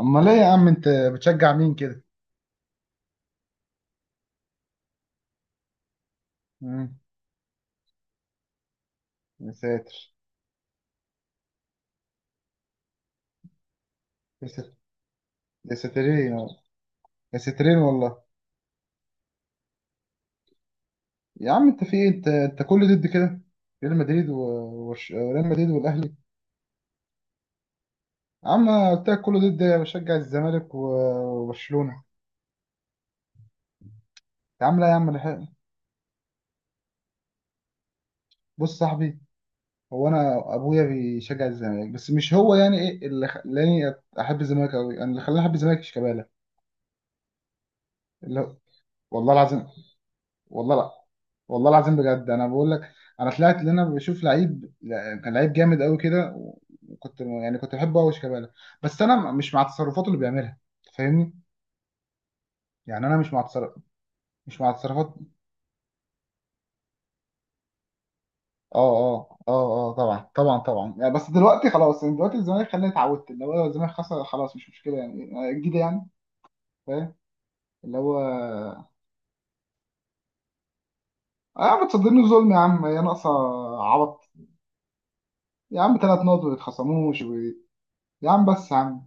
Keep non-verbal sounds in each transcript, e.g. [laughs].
امال ايه يا عم انت، بتشجع مين كده؟ مم. يا ساتر، يا ساتر. يا ساترين، يا ساترين والله. يا عم انت في ايه؟ انت كله ضد كده. ريال مدريد و- وبرش- وريال مدريد والاهلي. يا عم أنا قلت لك، كله ضد. بشجع الزمالك وبرشلونه. يا عم لا، يا عم الحق. بص صاحبي، هو انا ابويا بيشجع الزمالك بس مش هو. يعني ايه اللي خلاني احب الزمالك قوي؟ انا، اللي خلاني احب الزمالك شيكابالا. اللي هو، والله العظيم. والله لا، والله العظيم بجد انا بقول لك. انا طلعت ان انا بشوف لعيب، كان لعيب جامد قوي كده. وكنت يعني كنت بحبه قوي شيكابالا. بس انا مش مع تصرفاته اللي بيعملها، فاهمني؟ يعني انا مش مع تصرفات. اه، اه، اه، اه، طبعا، طبعا، طبعا يعني. بس دلوقتي خلاص، يعني دلوقتي الزمالك خلاني اتعودت. اللي هو الزمالك خسر خلاص، مش مشكله يعني جديده يعني. فاهم. اللي هو. اه، بتصدمني ظلم يا عم يا ناقصه. عبط. يا عم 3 نقط ما يتخصموش. يا عم، بس يا عم.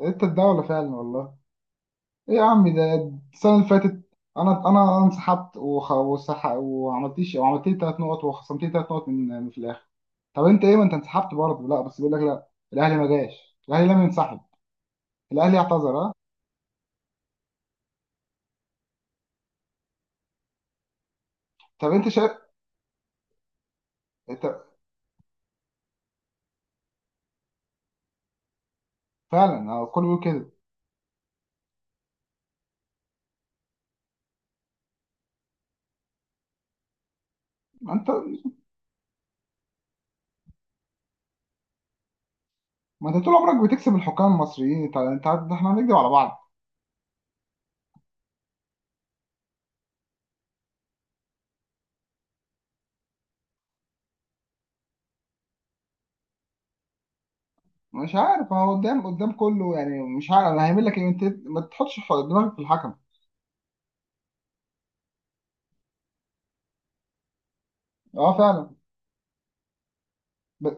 انت الدوله فعلا والله. ايه يا عم؟ ده السنة اللي فاتت انا انسحبت، وخ... وسح... وعملتيش وعملت لي 3 نقط وخصمت لي 3 نقط من في الاخر. طب انت ايه؟ ما انت انسحبت برضه، لا؟ بس بيقول لك لا. الاهلي ما جاش، الاهلي لم ينسحب. الاهلي اعتذر، ها. طب انت شايف؟ انت فعلا، هو الكل بيقول كده. ما انت ما انت طول عمرك بتكسب الحكام المصريين. انت احنا هنكدب على بعض؟ مش عارف، هو قدام. قدام كله يعني، مش عارف انا هيعمل لك ايه. انت ما تحطش دماغك في الحكم. اه فعلا. ب...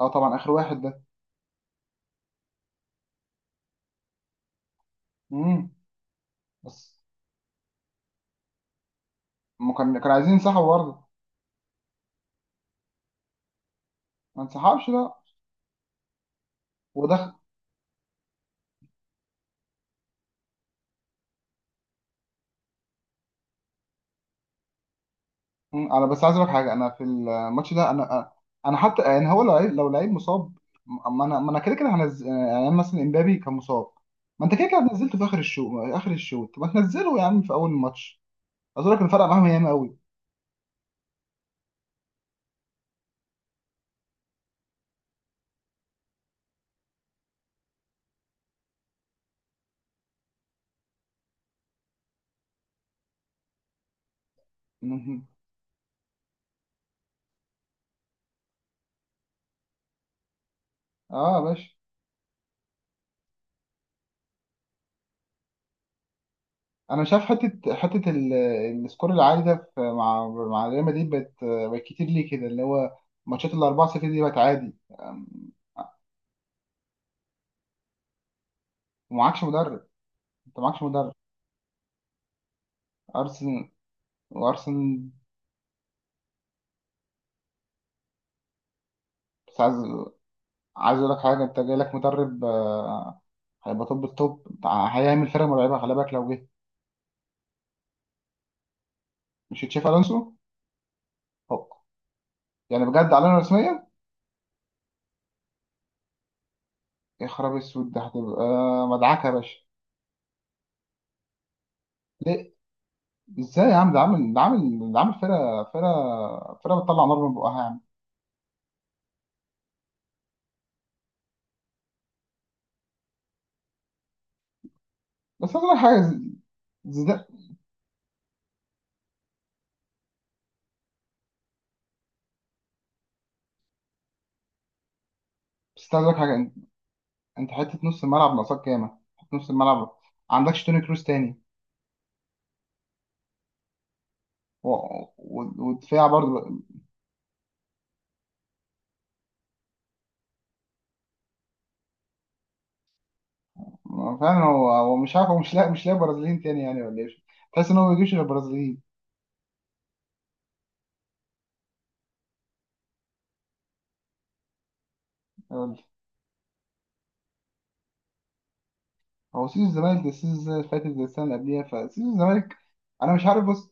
اه طبعا، اخر واحد ده. امم. بس ما كان عايزين ينسحبوا برضه. ما انسحبش، لا. ودخل. انا بس عايز اقول لك حاجه، انا في الماتش ده انا حتى يعني هو لو لعيب، لو لعيب مصاب. ما انا كده كده هنزل، يعني مثلا امبابي كان مصاب. ما انت كده كده نزلته في اخر الشوط. اخر الشوط ما تنزله يا عم في اول الماتش. عايز اقول لك الفرق معاهم ياما قوي. مهم. اه يا باشا. انا شايف حته، حته السكور العالي ده في مع ريال مدريد. بقت كتير ليه كده؟ اللي هو ماتشات 4-0 دي بقت عادي. آم، ومعكش مدرب، انت معكش مدرب. أرسن وأرسن بس عايز أقول لك حاجة. أنت جاي لك مدرب، هيبقى توب التوب، هيعمل فرقة مرعبة، خلي بالك لو جه. مش تشافي ألونسو؟ هوب، يعني بجد؟ علينا رسميا. يا خراب أسود! ده هتبقى مدعكة يا باشا. ليه؟ إزاي يا عم؟ ده عامل فرقة بتطلع نار من بقها يا عم. بس عايز أقول لك حاجة زي ده. بس عايز أقول لك حاجة، أنت حتة نص الملعب ناقصاك ياما، حتة نص الملعب. عندكش توني كروس تاني؟ و- ودفاع برضه. ما فعلا، هو مش عارف، هو مش لاقي برازيليين تاني يعني ولا ايه؟ تحس ان هو ما بيجيبش غير برازيليين. هو هو سيزون الزمالك ده السيزون اللي فاتت زي السنه اللي قبليها، فسيزون الزمالك. انا مش عارف، بص،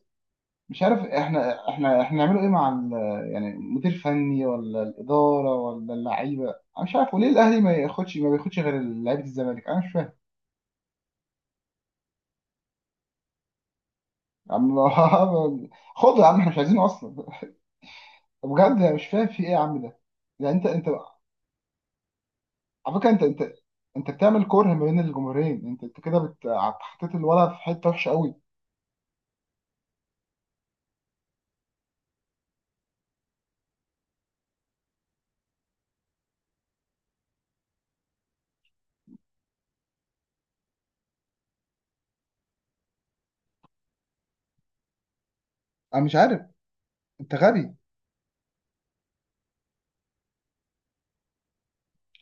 مش عارف احنا نعمله ايه مع يعني مدير فني، ولا الاداره، ولا اللعيبه؟ انا مش عارف، وليه الاهلي ما بياخدش غير لعيبه الزمالك؟ انا مش فاهم. يا عم [laughs] خد يا عم، احنا مش عايزينه اصلا. بجد أنا مش فاهم في ايه يا عم ده، يعني انت. على فكره، انت بتعمل كره ما بين الجمهورين، انت كده حطيت الولد في حته وحشه قوي. انا مش عارف. انت غبي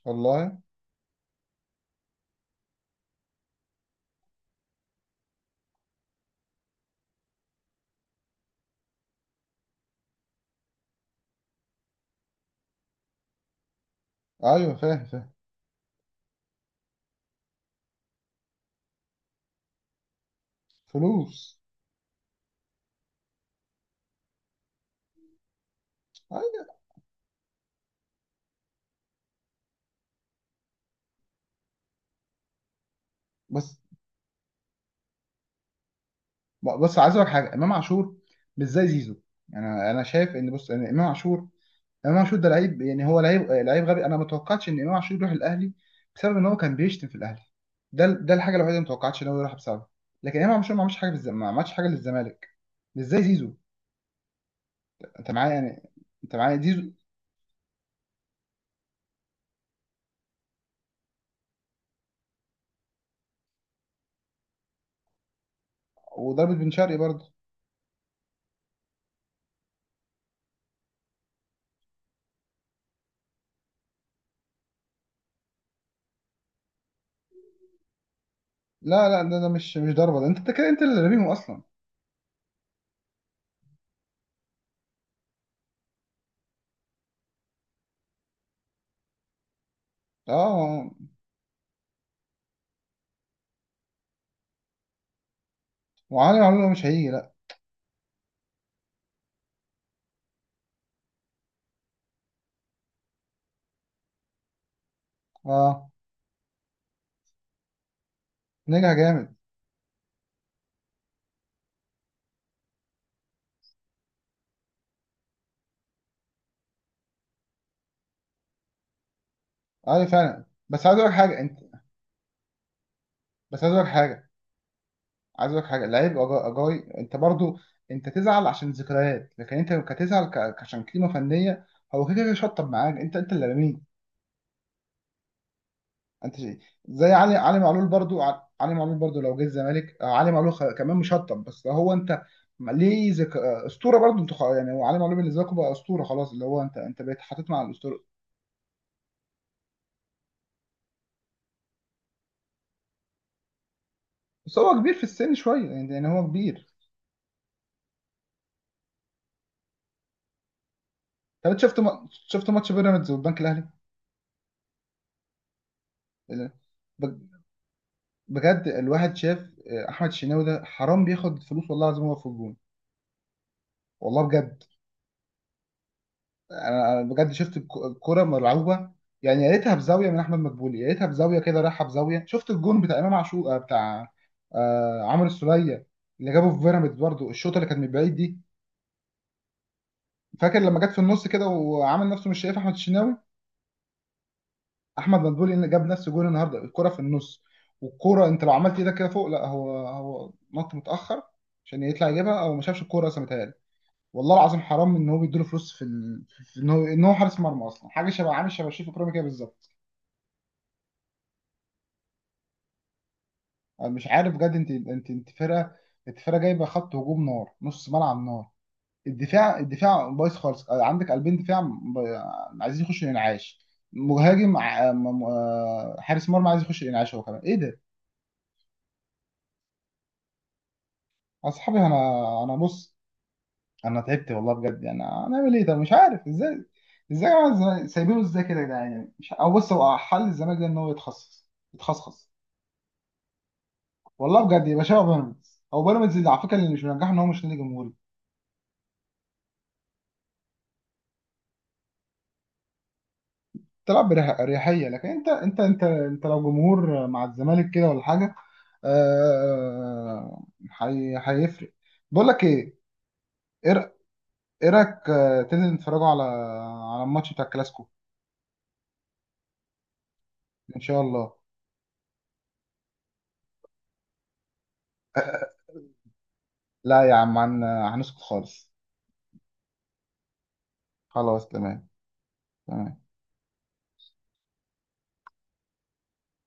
والله. ايوه، فاهم فاهم. فلوس. ايوه. بس بس عايز اقول حاجه، امام عاشور مش زي زيزو. انا شايف ان، بص، ان امام عاشور، امام عاشور ده لعيب، يعني هو لعيب، لعيب غبي. انا ما توقعتش ان امام عاشور يروح الاهلي بسبب ان هو كان بيشتم في الاهلي. ده الحاجه الوحيده اللي ما توقعتش ان هو يروح بسببها. لكن امام عاشور ما عملش حاجه ما عملش حاجه للزمالك، مش زي زيزو. انت معايا يعني؟ انت معايا زيزو. وضربت بن شرقي برضه. لا، لا، ده، ده مش ضربه. ده انت كده، انت اللي رميهم اصلا. اه. وعلي معلول مش هيجي، لا. اه، نجح جامد. ايوه فعلا، بس عايز اقول لك حاجه انت. بس عايز اقول لك حاجه. عايز اقول لك حاجه. لعيب اجاي انت برضو. انت تزعل عشان ذكريات، لكن انت كتزعل عشان قيمه فنيه. هو كده كده شطب معاك، انت اللي رميه. انت شايف. زي علي معلول برضو، علي معلول برضو لو جه الزمالك، علي معلول كمان مش هطب. بس هو انت. ليه اسطوره برضو انت. يعني هو علي معلول بالنسبه لكم بقى اسطوره خلاص، اللي هو انت بقيت حاطط مع الاسطوره. بس هو كبير في السن شويه، يعني هو كبير. طب انت شفت ما... شفت ماتش بيراميدز والبنك الاهلي؟ ال- ب- بجد الواحد شاف. احمد الشناوي ده حرام بياخد فلوس والله العظيم، هو في الجون، والله بجد. انا بجد شفت الكرة مرعوبة. يعني يا ريتها بزاوية من احمد مدبولي، يا ريتها بزاوية كده رايحة بزاوية. شفت الجون بتاع امام عاشور بتاع عمرو السولية اللي جابه في بيراميدز برضه، الشوطة اللي كانت من بعيد دي. فاكر لما جت في النص كده وعمل نفسه مش شايف احمد الشناوي؟ احمد مدبولي اللي جاب نفس الجون النهارده، الكرة في النص. والكرة انت لو عملت ايدك كده فوق، لا، هو نط متأخر عشان يطلع يجيبها، او ما شافش الكرة اصلا متهيألي. والله العظيم حرام ان هو بيديله فلوس في في ان هو حارس مرمى اصلا. حاجه شبه، عامل شبه شريف اكرامي كده بالظبط. أنا مش عارف بجد، انت فرقه، انت فرقه جايبه خط هجوم نار، نص ملعب نار. الدفاع بايظ خالص. عندك قلبين دفاع عايزين يخشوا الانعاش. مهاجم حارس مرمى عايز يخش الانعاش، هو كمان ايه ده؟ اصحابي انا، انا بص، انا تعبت والله بجد. يعني هنعمل ايه ده؟ مش عارف ازاي، ازاي يا جماعة؟ سايبينه ازاي كده يا جدعان؟ يعني مش. او بص، هو حل الزمالك ده ان هو يتخصص. والله بجد يبقى شبه بيراميدز، او بيراميدز اللي على فكره اللي مش منجحه ان هو مش نادي جمهوري. تلعب بأريحية. لكن انت لو جمهور مع الزمالك كده ولا حاجة. آه، هيفرق. بقول لك ايه؟ ايه رأ- إيه رايك تنزل نتفرجوا على الماتش بتاع الكلاسيكو؟ ان شاء الله. لا يا عم، هنسكت خالص. خلاص تمام، تمام.